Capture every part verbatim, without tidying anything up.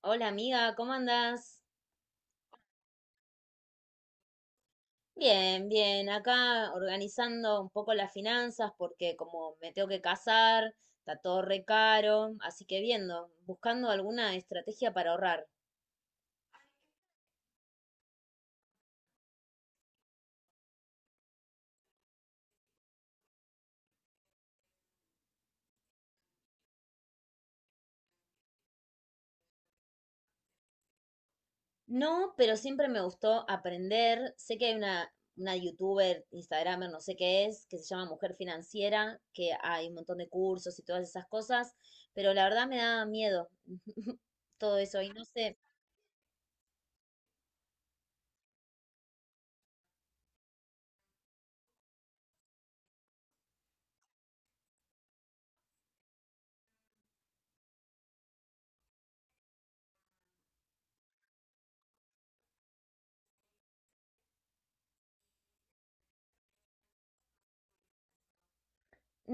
Hola amiga, ¿cómo andás? Bien, bien, acá organizando un poco las finanzas porque como me tengo que casar, está todo re caro, así que viendo, buscando alguna estrategia para ahorrar. No, pero siempre me gustó aprender. Sé que hay una, una youtuber, instagramer, no sé qué es, que se llama Mujer Financiera, que hay un montón de cursos y todas esas cosas, pero la verdad me da miedo todo eso y no sé.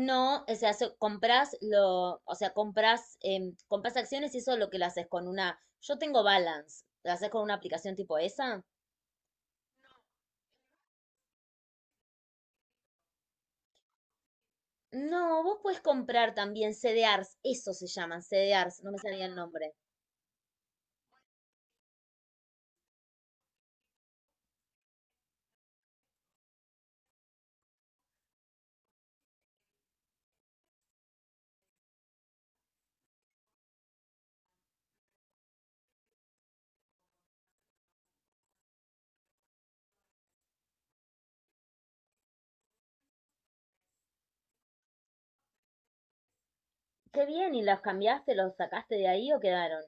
No, o sea, so- compras lo, o sea, compras, em, compras acciones y eso es lo que lo haces con una. Yo tengo Balance, ¿lo haces con una aplicación tipo esa? No, vos puedes comprar también C D Rs, eso se llaman, C D Rs, no me salía el nombre. Qué bien, ¿y los cambiaste, los sacaste de ahí o quedaron?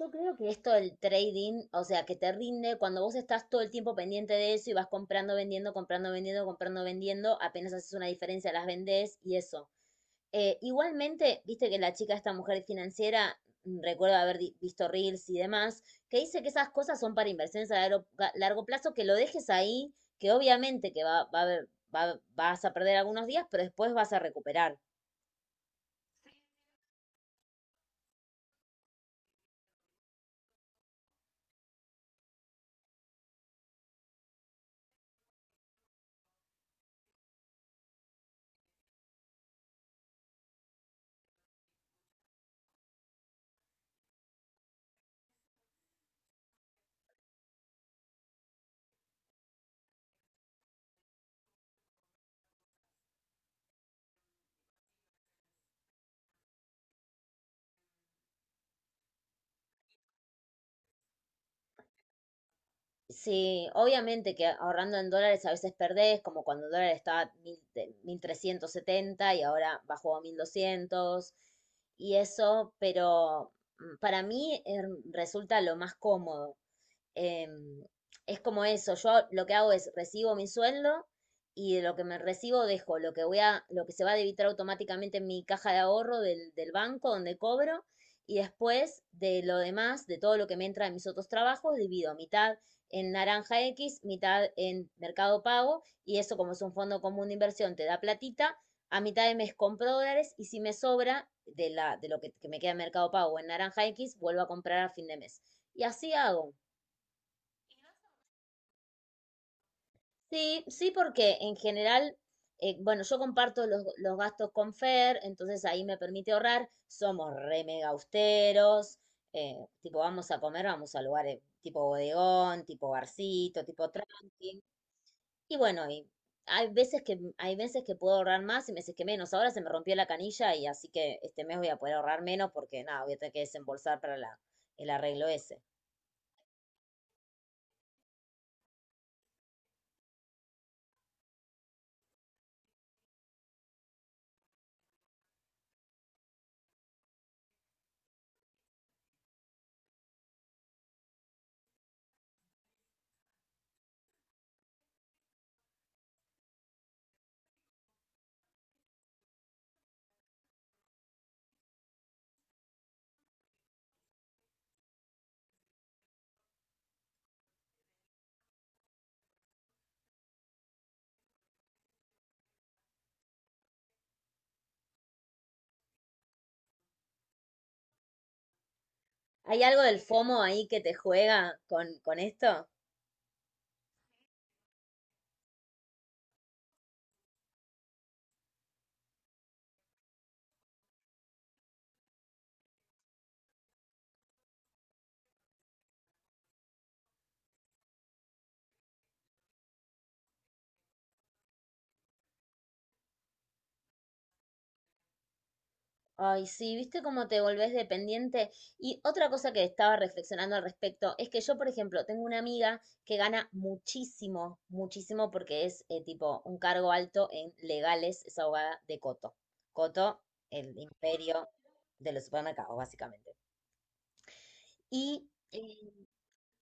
Yo creo que esto del trading, o sea, que te rinde cuando vos estás todo el tiempo pendiente de eso y vas comprando, vendiendo, comprando, vendiendo, comprando, vendiendo, apenas haces una diferencia, las vendés y eso. Eh, igualmente, viste que la chica, esta mujer financiera, mm, recuerdo haber di- visto reels y demás, que dice que esas cosas son para inversiones a largo, ga- largo plazo, que lo dejes ahí, que obviamente que va, va a haber, va- vas a perder algunos días, pero después vas a recuperar. Sí, obviamente que ahorrando en dólares a veces perdés, como cuando el dólar estaba a mil te- mil trescientos setenta y ahora bajó a mil doscientos y eso, pero mm, para mí eh, resulta lo más cómodo. Em, es como eso, yo lo que hago es recibo mi sueldo y de lo que me recibo dejo lo que voy a, lo que se va a debitar automáticamente en mi caja de ahorro del, del banco donde cobro y después de lo demás, de todo lo que me entra de mis otros trabajos, divido mitad en Naranja X, mitad en Mercado Pago y eso como es un fondo común de inversión te da platita, a mitad de mes compro dólares y si me sobra de, la, de lo que, que me queda en Mercado Pago en Naranja X, vuelvo a comprar a fin de mes. Y así hago. Sí, sí, porque en general, eh, bueno, yo comparto los, los gastos con Fer, entonces ahí me permite ahorrar. Somos re mega austeros, eh, tipo vamos a comer, vamos a lugares tipo bodegón, tipo barcito, tipo tranqui. Y bueno, y hay veces que, hay veces que puedo ahorrar más y meses que menos. Ahora se me rompió la canilla y así que este mes voy a poder ahorrar menos porque nada, voy a tener que desembolsar para la, el arreglo ese. ¿Hay algo del FOMO ahí que te juega con, con esto? Ay, sí, viste cómo te volvés dependiente. Y otra cosa que estaba reflexionando al respecto es que yo, por ejemplo, tengo una amiga que gana muchísimo, muchísimo porque es eh, tipo un cargo alto en legales, es abogada de Coto. Coto, el imperio de los supermercados, básicamente. Y eh,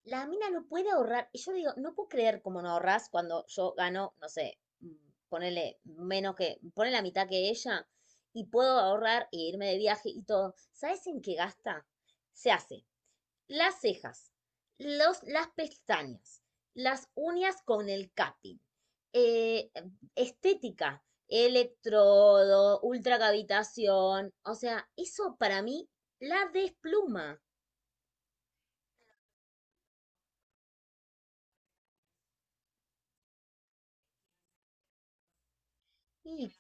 la mina no puede ahorrar. Y yo digo, no puedo creer cómo no ahorras cuando yo gano, no sé, mm, ponele menos que, ponele la mitad que ella y puedo ahorrar e irme de viaje y todo. ¿Sabes en qué gasta? Se hace las cejas, los, las pestañas, las uñas con el cutting, eh, estética, electrodo, ultracavitación. O sea, eso para mí la despluma. Y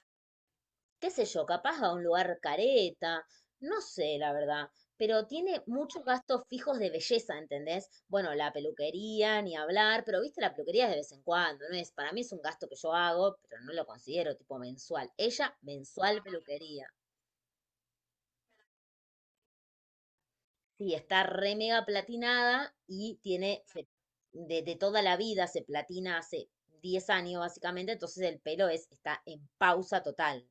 qué sé yo, capaz a un lugar careta, no sé, la verdad, pero tiene muchos gastos fijos de belleza, ¿entendés? Bueno, la peluquería, ni hablar, pero viste, la peluquería es de vez en cuando, ¿no es? Para mí es un gasto que yo hago, pero no lo considero tipo mensual. Ella, mensual peluquería. Sí, está re mega platinada y tiene se- de, de toda la vida, se platina hace diez años básicamente, entonces el pelo es, está en pausa total.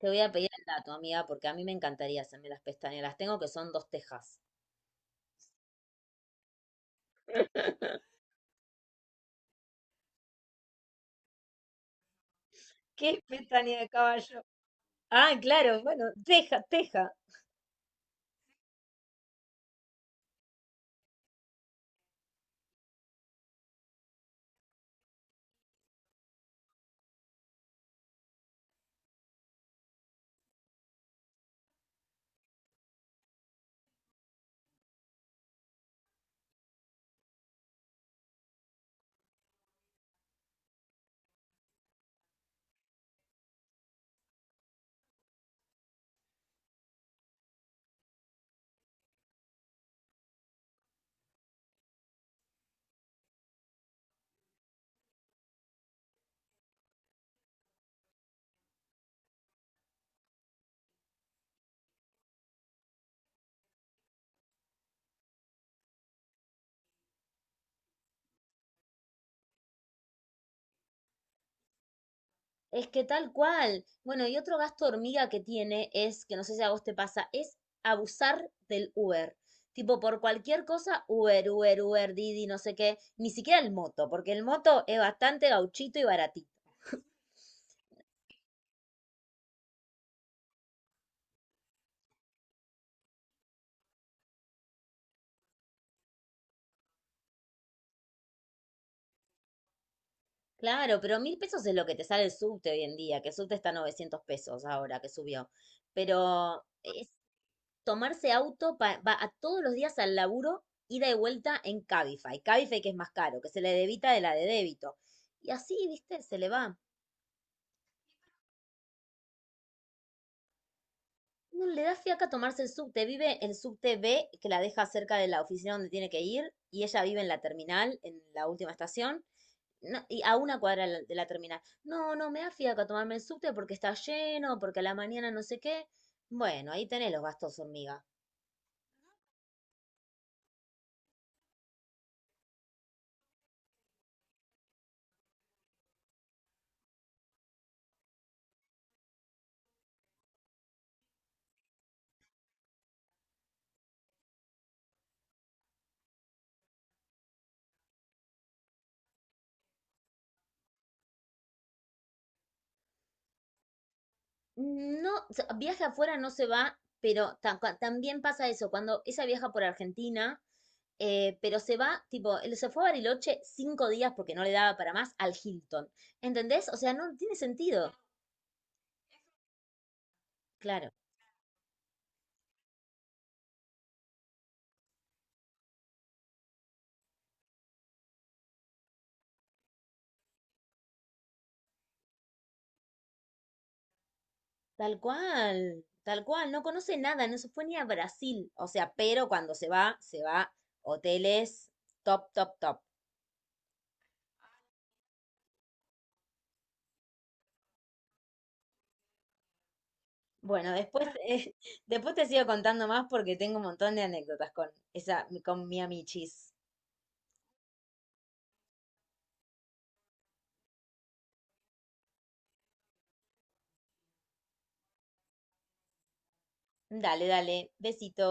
Te voy a pedir el dato, amiga, porque a mí me encantaría hacerme las pestañas. Las tengo que son dos tejas. ¿Qué es pestaña de caballo? Ah, claro, bueno, teja, teja. Es que tal cual. Bueno, y otro gasto hormiga que tiene es, que no sé si a vos te pasa, es abusar del Uber. Tipo, por cualquier cosa, Uber, Uber, Uber, Didi, no sé qué. Ni siquiera el moto, porque el moto es bastante gauchito y baratito. Claro, pero mil pesos es lo que te sale el subte hoy en día, que el subte está a novecientos pesos ahora que subió. Pero es tomarse auto pa- va a todos los días al laburo, ida y vuelta en Cabify. Cabify que es más caro, que se le debita de la de débito. Y así, viste, se le va. No le da fiaca tomarse el subte. Vive el subte B, que la deja cerca de la oficina donde tiene que ir, y ella vive en la terminal, en la última estación. No, y a una cuadra de la de la terminal. No, no, me da fiaca tomarme el subte porque está lleno, porque a la mañana no sé qué. Bueno, ahí tenés los gastos hormiga. No, o sea, viaje afuera no se va, pero ta- cua- también pasa eso, cuando ella viaja por Argentina, eh, pero se va, tipo, él se fue a Bariloche cinco días porque no le daba para más al Hilton. ¿Entendés? O sea, no tiene sentido. Claro. Tal cual, tal cual, no conoce nada, no se fue ni a Brasil. O sea, pero cuando se va, se va hoteles top, top, top. Bueno, después, eh, después te sigo contando más porque tengo un montón de anécdotas con esa, con mi amichis. Dale, dale, besito.